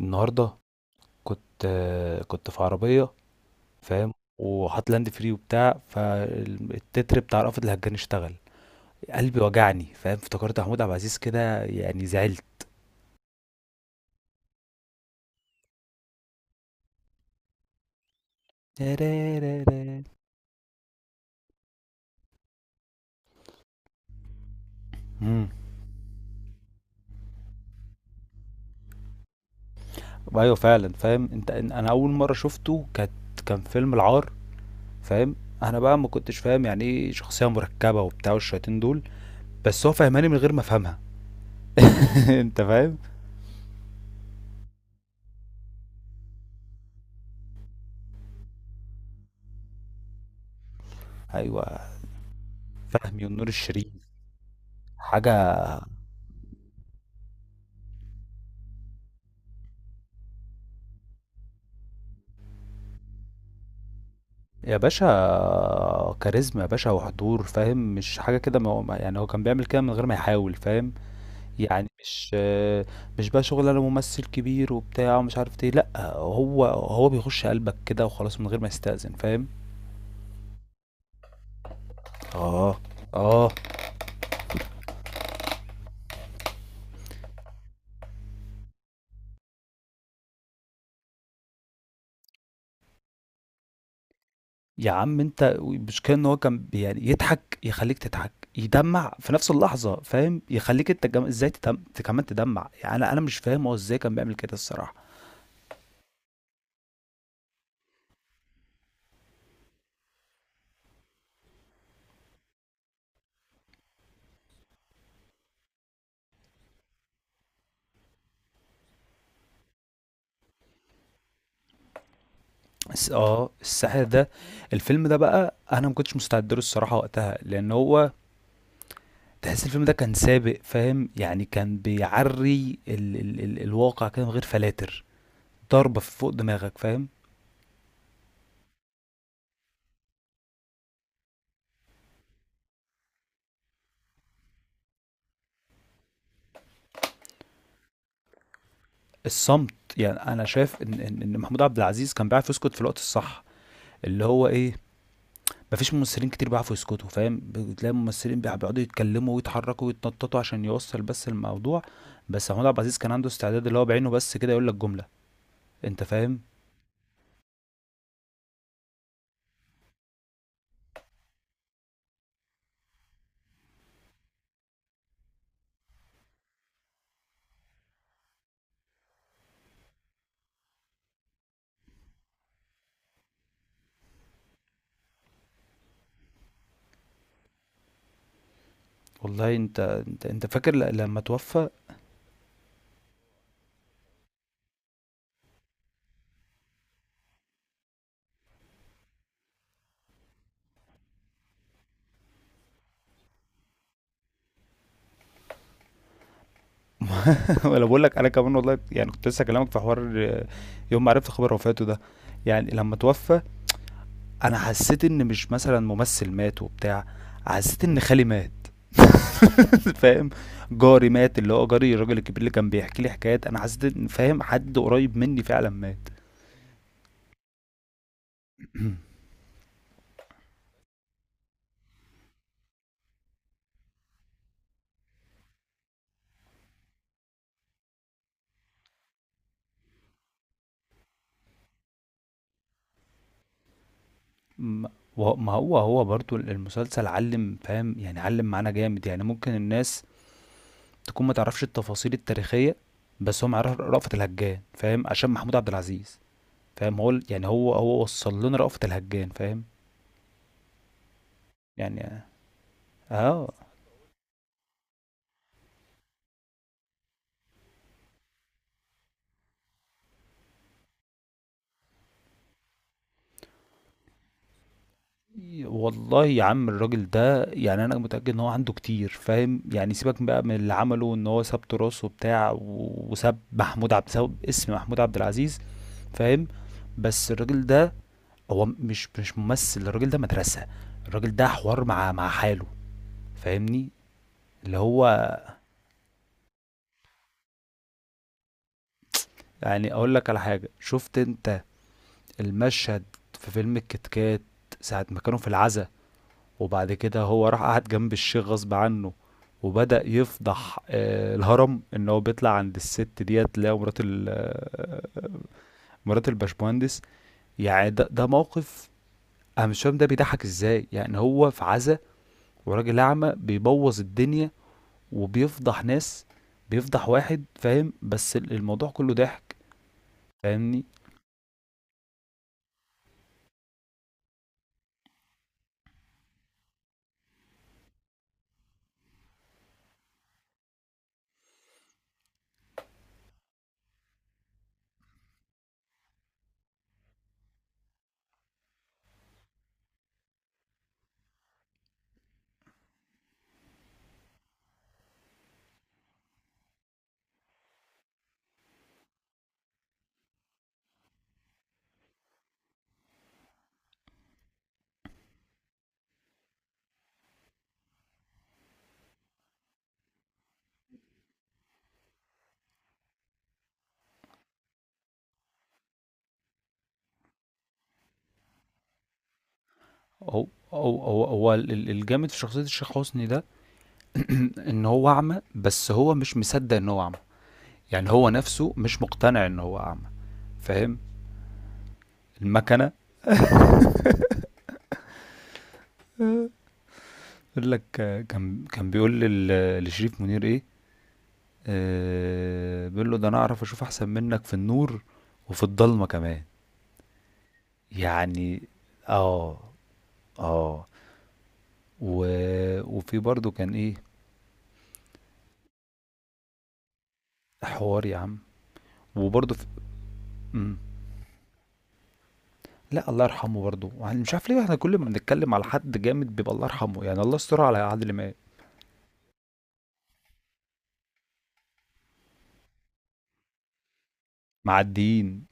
النهارده كنت في عربيه، فاهم؟ وحاطط لاند فري وبتاع، فالتتر بتاع رأفت الهجان اشتغل، قلبي وجعني فاهم. افتكرت محمود عبد العزيز كده، يعني زعلت. امم. ايوه فعلا، فاهم انت؟ انا اول مره شفته كانت كان فيلم العار، فاهم؟ انا بقى ما كنتش فاهم يعني ايه شخصيه مركبه وبتاع والشياطين دول، بس هو فهماني من غير ما افهمها. انت فاهم؟ ايوه، فهمي والنور الشريف، حاجه. يا باشا كاريزما يا باشا، وحضور، فاهم؟ مش حاجة كده، ما هو- ما- يعني هو كان بيعمل كده من غير ما يحاول، فاهم؟ يعني مش بقى شغل انا ممثل كبير وبتاع ومش عارف ايه، لا. هو بيخش قلبك كده وخلاص من غير ما يستأذن، فاهم؟ اه، اه. يا عم انت، مش كان هو كان يعني يضحك يخليك تضحك، يدمع في نفس اللحظة، فاهم؟ يخليك انت ازاي كمان تدمع. يعني انا مش فاهم هو ازاي كان بيعمل كده الصراحة. اه، الساحر ده، الفيلم ده بقى انا ما كنتش مستعد له الصراحه وقتها، لان هو تحس الفيلم ده كان سابق، فاهم؟ يعني كان بيعري ال ال ال الواقع كده من غير فلاتر، ضربه في فوق دماغك، فاهم؟ الصمت. يعني انا شايف إن محمود عبد العزيز كان بيعرف يسكت في الوقت الصح، اللي هو ايه، مفيش ممثلين كتير بيعرفوا يسكتوا، فاهم؟ بتلاقي ممثلين بيقعدوا يتكلموا ويتحركوا ويتنططوا عشان يوصل بس الموضوع، بس محمود عبد العزيز كان عنده استعداد اللي هو بعينه بس كده يقول لك جمله. انت فاهم؟ والله انت، انت فاكر لما توفى؟ ولا بقول لك انا كمان والله، يعني كنت لسه اكلمك في حوار يوم ما عرفت خبر وفاته ده. يعني لما توفى انا حسيت ان مش مثلا ممثل مات وبتاع، حسيت ان خالي مات. فاهم؟ جاري مات، اللي هو جاري الراجل الكبير اللي كان بيحكي لي حكايات. انا حسيت، ان فاهم، حد قريب مني فعلا مات. ما ما هو برضو المسلسل علم، فاهم؟ يعني علم معانا جامد. يعني ممكن الناس تكون ما تعرفش التفاصيل التاريخية، بس هو مع رأفت الهجان، فاهم؟ عشان محمود عبد العزيز، فاهم؟ يعني هو وصل لنا رأفت الهجان، فاهم؟ يعني اه. والله يا عم، الراجل ده، يعني انا متأكد ان هو عنده كتير، فاهم؟ يعني سيبك بقى من اللي عمله، ان هو ساب تراثه بتاع، وساب محمود عبد، ساب اسم محمود عبد العزيز، فاهم؟ بس الراجل ده، هو مش ممثل، الراجل ده مدرسة. الراجل ده حوار مع حاله، فاهمني؟ اللي هو، يعني اقول لك على حاجه. شفت انت المشهد في فيلم الكتكات، ساعه ما كانوا في العزا، وبعد كده هو راح قعد جنب الشيخ غصب عنه، وبدأ يفضح الهرم، ان هو بيطلع عند الست ديت اللي هي مرات مرات الباشمهندس. يعني ده موقف، انا مش فاهم ده بيضحك ازاي، يعني هو في عزا، وراجل اعمى بيبوظ الدنيا، وبيفضح ناس، بيفضح واحد، فاهم؟ بس الموضوع كله ضحك، فاهمني؟ هو، هو الجامد في شخصية الشيخ حسني ده، ان هو اعمى بس هو مش مصدق ان هو اعمى. يعني هو نفسه مش مقتنع ان هو اعمى، فاهم؟ المكنة! يقول لك كان بيقول لشريف منير ايه، بيقول له ده انا اعرف اشوف احسن منك في النور وفي الضلمة كمان، يعني. اه، اه. و... وفي برضو كان ايه، حوار يا عم، وبرضو في... لأ، الله يرحمه برضه، يعني مش عارف ليه إحنا كل ما بنتكلّم على حد جامد بيبقى الله يرحمه، يعني الله يسترها على عادل إمام، معدّيين.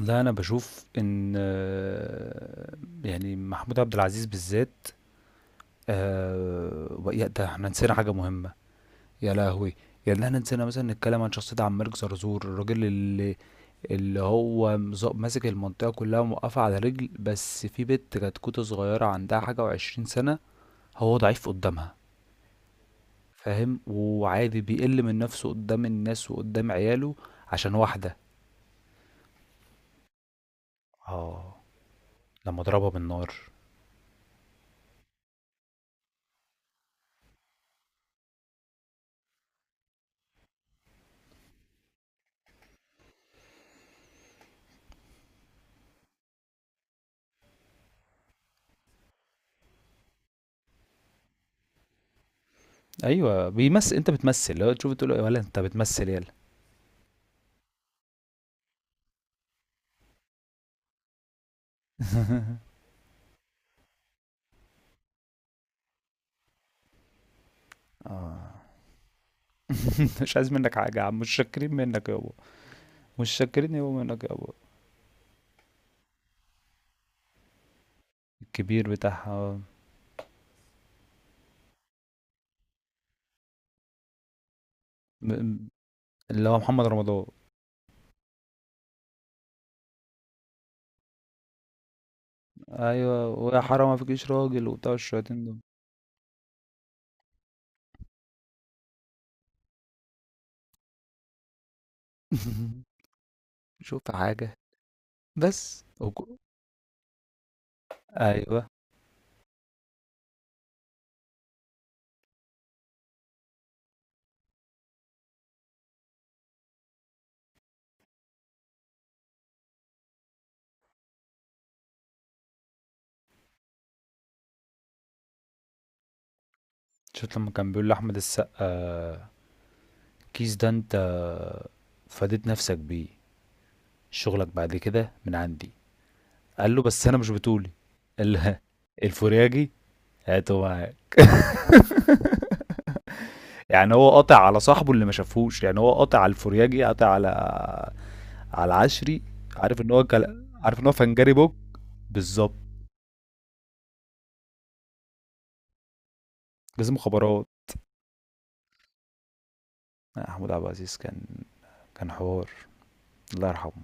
لا، أنا باشوف إن يعني محمود عبد العزيز بالذات، ويا ده إحنا نسينا حاجة مهمة، يا لهوي! يعني إحنا نسينا مثلًا نتكلّم عن شخصية عبد الملك زرزور، الراجل اللي، اللي هو ماسك المنطقة كلّها وموقّفها على رجل، بس في بنت كتكوتة صغيّرة عندها حاجة و20 سَنة، هو ضعيف قدّامها. فاهم؟ وعادي بيقل من نفسه قدام الناس وقدام عياله عشان واحدة. اه، لما ضربها بالنار. ايوه بيمثل، انت بتمثل لو تشوف تقول له ولا انت بتمثل، يالا. اه. مش عايز منك حاجة يا عم، مش شاكرين منك يابا، مش شاكرين يابا منك يابا. الكبير بتاعها، آه. م- اللي هو محمد رمضان. ايوه، ويا حرام ما فيكيش راجل وبتاع الشياطين دول. شوف حاجة بس ايوه. شفت لما كان بيقول لأحمد السقا، كيس ده انت فاديت نفسك بيه، شغلك بعد كده من عندي، قال له بس انا مش بتولي ال- الفورياجي، هاته معاك. يعني هو قاطع على صاحبه اللي ما شافهوش، يعني هو قاطع على الفورياجي، قاطع على على العشري. عارف ان عارف ان هو فنجاري بوب، بالظبط، جزم مخابرات. محمود عبد العزيز كان، كان حوار. الله يرحمه.